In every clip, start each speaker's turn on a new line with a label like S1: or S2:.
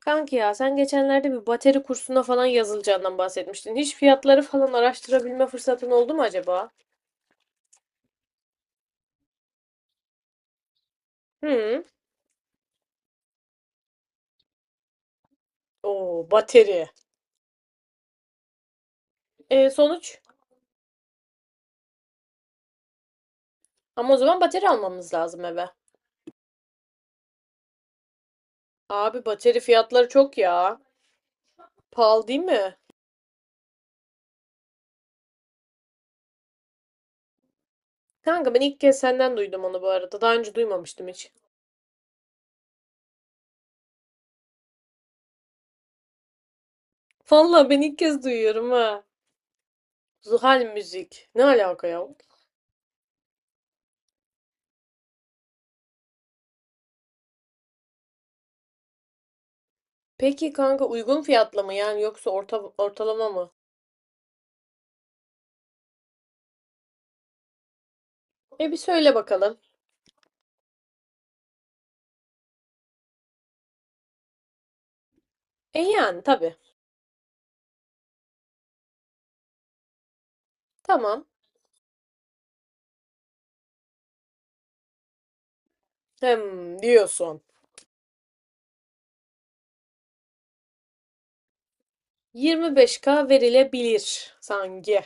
S1: Kanki ya sen geçenlerde bir bateri kursuna falan yazılacağından bahsetmiştin. Hiç fiyatları falan araştırabilme fırsatın oldu mu acaba? Hı. Oo, bateri. E, sonuç? Ama o zaman bateri almamız lazım eve. Abi bateri fiyatları çok ya. Pahalı değil mi? Kanka ben ilk kez senden duydum onu bu arada. Daha önce duymamıştım hiç. Vallahi ben ilk kez duyuyorum ha. Zuhal müzik. Ne alaka ya? Peki kanka uygun fiyatlı mı yani yoksa orta, ortalama mı? E bir söyle bakalım. E yani tabii. Tamam. Hem diyorsun. 25K verilebilir sanki.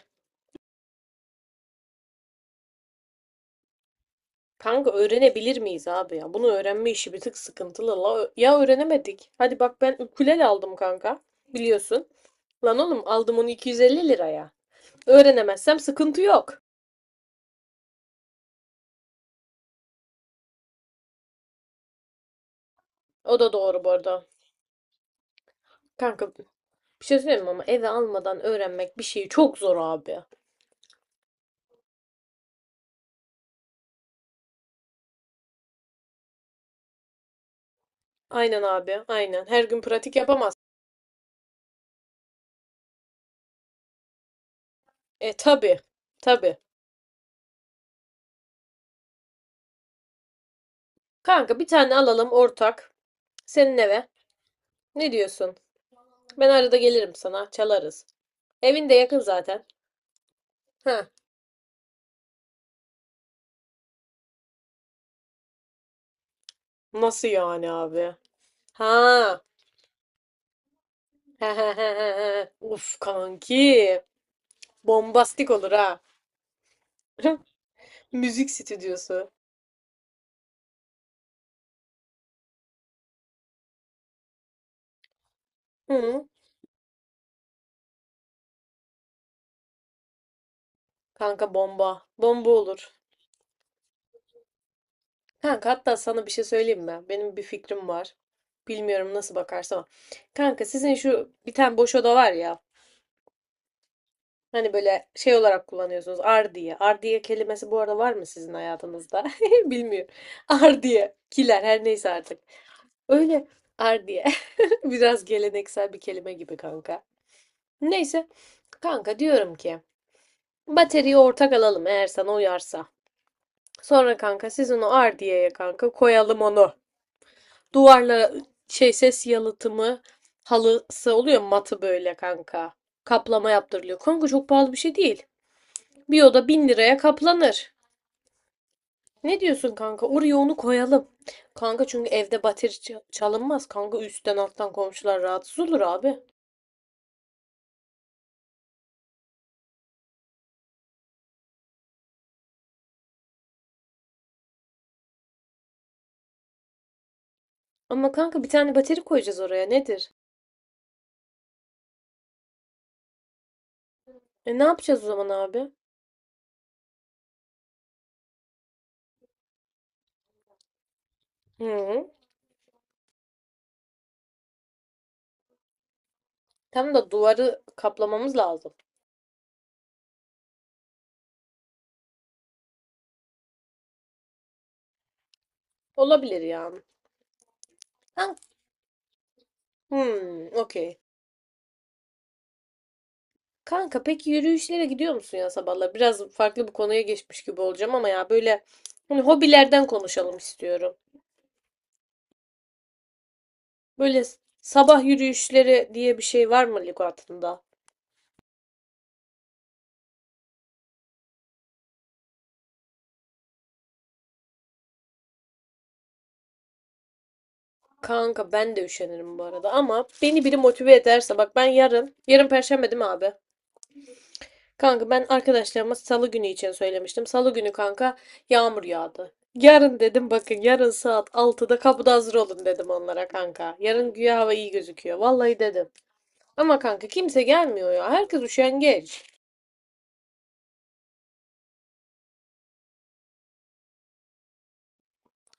S1: Kanka öğrenebilir miyiz abi ya? Bunu öğrenme işi bir tık sıkıntılı. La, ya öğrenemedik. Hadi bak ben ukulele aldım kanka. Biliyorsun. Lan oğlum aldım onu 250 liraya. Öğrenemezsem sıkıntı yok. O da doğru bu arada. Kanka bir şey söyleyeyim mi ama eve almadan öğrenmek bir şeyi çok zor abi. Aynen abi, aynen. Her gün pratik yapamaz. E tabi, tabi. Kanka bir tane alalım ortak. Senin eve. Ne diyorsun? Ben arada gelirim sana. Çalarız. Evin de yakın zaten. Ha. Nasıl yani abi? Ha. Uf kanki. Bombastik olur ha. Müzik stüdyosu. Hı. Kanka bomba. Bomba olur. Kanka hatta sana bir şey söyleyeyim mi? Benim bir fikrim var. Bilmiyorum nasıl bakarsan. Kanka sizin şu bir tane boş oda var ya. Hani böyle şey olarak kullanıyorsunuz. Ardiye. Ardiye kelimesi bu arada var mı sizin hayatınızda? Bilmiyorum. Ardiye. Kiler her neyse artık. Öyle ardiye. Biraz geleneksel bir kelime gibi kanka. Neyse. Kanka diyorum ki bataryayı ortak alalım eğer sana uyarsa. Sonra kanka siz onu ardiyeye kanka koyalım onu. Duvarla şey ses yalıtımı halısı oluyor matı böyle kanka. Kaplama yaptırılıyor. Kanka çok pahalı bir şey değil. Bir oda 1.000 liraya kaplanır. Ne diyorsun kanka? Oraya onu koyalım. Kanka çünkü evde bateri çalınmaz. Kanka üstten alttan komşular rahatsız olur abi. Ama kanka bir tane bateri koyacağız oraya. Nedir? E ne yapacağız o zaman abi? Hı. Hı. Tam da duvarı kaplamamız lazım. Olabilir yani. Kanka, hmm, okey. Kanka peki yürüyüşlere gidiyor musun ya sabahlar? Biraz farklı bir konuya geçmiş gibi olacağım ama ya böyle hani hobilerden konuşalım istiyorum. Böyle sabah yürüyüşleri diye bir şey var mı lügatında? Kanka ben de üşenirim bu arada ama beni biri motive ederse bak ben yarın Perşembe değil mi abi? Kanka ben arkadaşlarıma Salı günü için söylemiştim. Salı günü kanka yağmur yağdı. Yarın dedim bakın yarın saat 6'da kapıda hazır olun dedim onlara kanka. Yarın güya hava iyi gözüküyor. Vallahi dedim. Ama kanka kimse gelmiyor ya. Herkes üşengeç.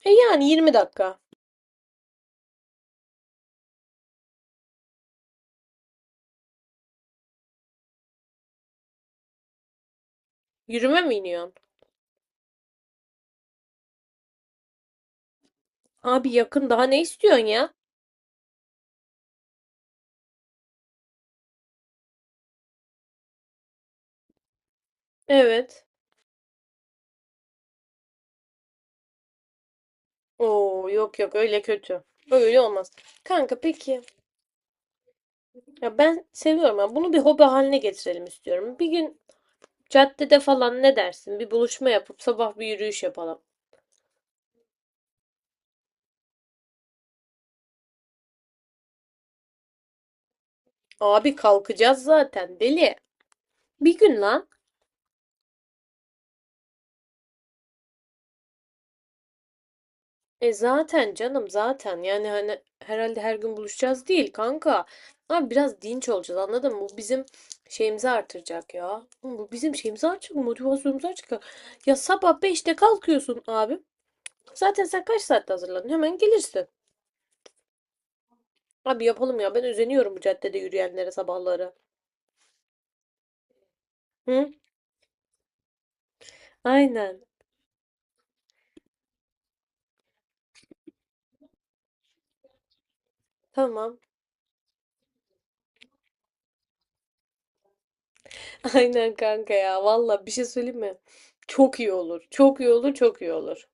S1: E yani 20 dakika. Yürüme mi iniyorsun? Abi yakın daha ne istiyorsun ya? Evet. Oo yok yok öyle kötü. Öyle olmaz. Kanka peki. Ya ben seviyorum ya. Bunu bir hobi haline getirelim istiyorum. Bir gün caddede falan ne dersin? Bir buluşma yapıp sabah bir yürüyüş yapalım. Abi kalkacağız zaten deli. Bir gün lan. E zaten canım zaten. Yani hani herhalde her gün buluşacağız değil kanka. Abi biraz dinç olacağız anladın mı? Bu bizim şeyimizi artıracak ya. Oğlum bu bizim şeyimizi artıracak, motivasyonumuzu artıracak. Ya sabah 5'te kalkıyorsun abi. Zaten sen kaç saatte hazırlanıyorsun? Hemen gelirsin. Abi yapalım ya. Ben özeniyorum bu caddede yürüyenlere sabahları. Hı? Aynen. Tamam. Aynen kanka ya. Valla bir şey söyleyeyim mi? Çok iyi olur. Çok iyi olur. Çok iyi olur.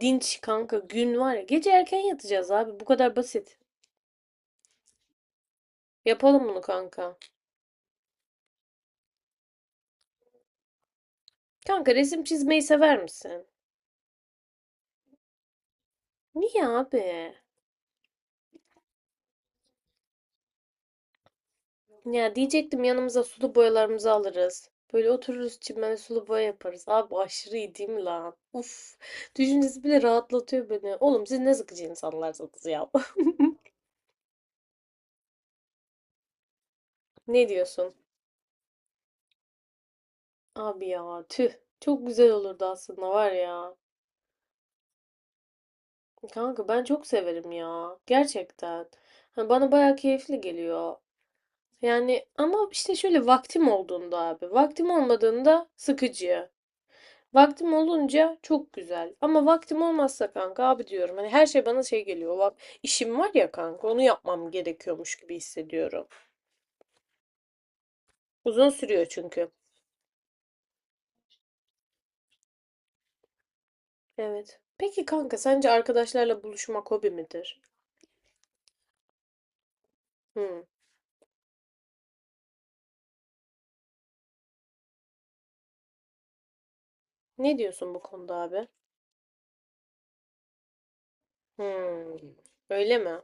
S1: Dinç kanka gün var ya. Gece erken yatacağız abi. Bu kadar basit. Yapalım bunu kanka. Kanka resim çizmeyi sever misin? Niye abi? Ya diyecektim yanımıza sulu boyalarımızı alırız. Böyle otururuz çimene sulu boya yaparız. Abi aşırı iyi değil mi lan? Uf. Düşüncesi bile rahatlatıyor beni. Oğlum siz ne sıkıcı insanlarsınız ya. Ne diyorsun? Abi ya tüh. Çok güzel olurdu aslında var ya. Kanka ben çok severim ya. Gerçekten. Hani bana bayağı keyifli geliyor. Yani ama işte şöyle vaktim olduğunda abi. Vaktim olmadığında sıkıcı. Vaktim olunca çok güzel. Ama vaktim olmazsa kanka abi diyorum. Hani her şey bana şey geliyor. Bak işim var ya kanka onu yapmam gerekiyormuş gibi hissediyorum. Uzun sürüyor çünkü. Evet. Peki kanka sence arkadaşlarla buluşmak hobi midir? Hmm. Ne diyorsun bu konuda abi? Hmm, öyle mi?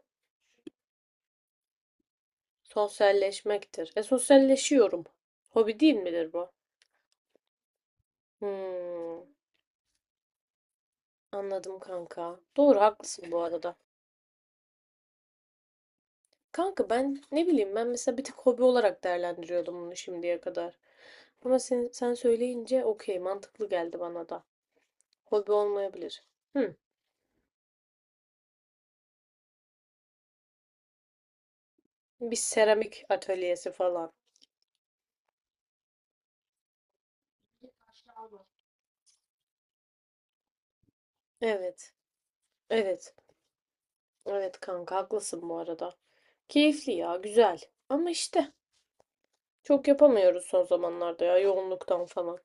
S1: Sosyalleşmektir. E sosyalleşiyorum. Hobi değil midir bu? Hmm, anladım kanka. Doğru haklısın bu arada. Kanka ben ne bileyim ben mesela bir tek hobi olarak değerlendiriyordum bunu şimdiye kadar. Ama sen söyleyince okey mantıklı geldi bana da. Hobi olmayabilir. Hmm, bir seramik atölyesi falan. Evet. Evet. Evet kanka haklısın bu arada. Keyifli ya güzel. Ama işte. Çok yapamıyoruz son zamanlarda ya yoğunluktan falan.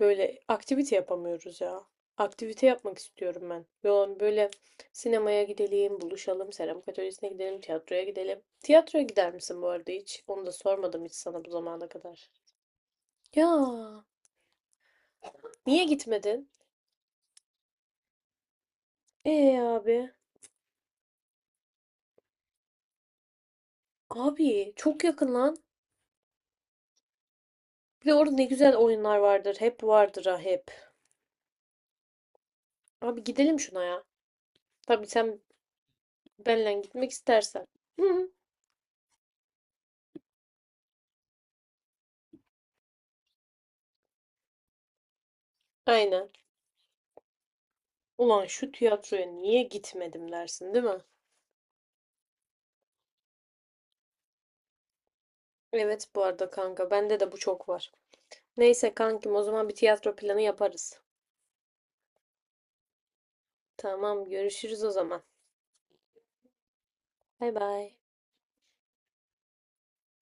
S1: Böyle aktivite yapamıyoruz ya. Aktivite yapmak istiyorum ben. Yoğun böyle sinemaya gidelim, buluşalım, seramik atölyesine gidelim, tiyatroya gidelim. Tiyatroya gider misin bu arada hiç? Onu da sormadım hiç sana bu zamana kadar. Ya niye gitmedin? Abi. Abi çok yakın lan. Bir de orada ne güzel oyunlar vardır. Hep vardır ha hep. Abi gidelim şuna ya. Tabii sen benle gitmek istersen. Hı, aynen. Ulan şu tiyatroya niye gitmedim dersin, değil mi? Evet bu arada kanka bende de bu çok var. Neyse kankim o zaman bir tiyatro planı yaparız. Tamam görüşürüz o zaman. Bay bay.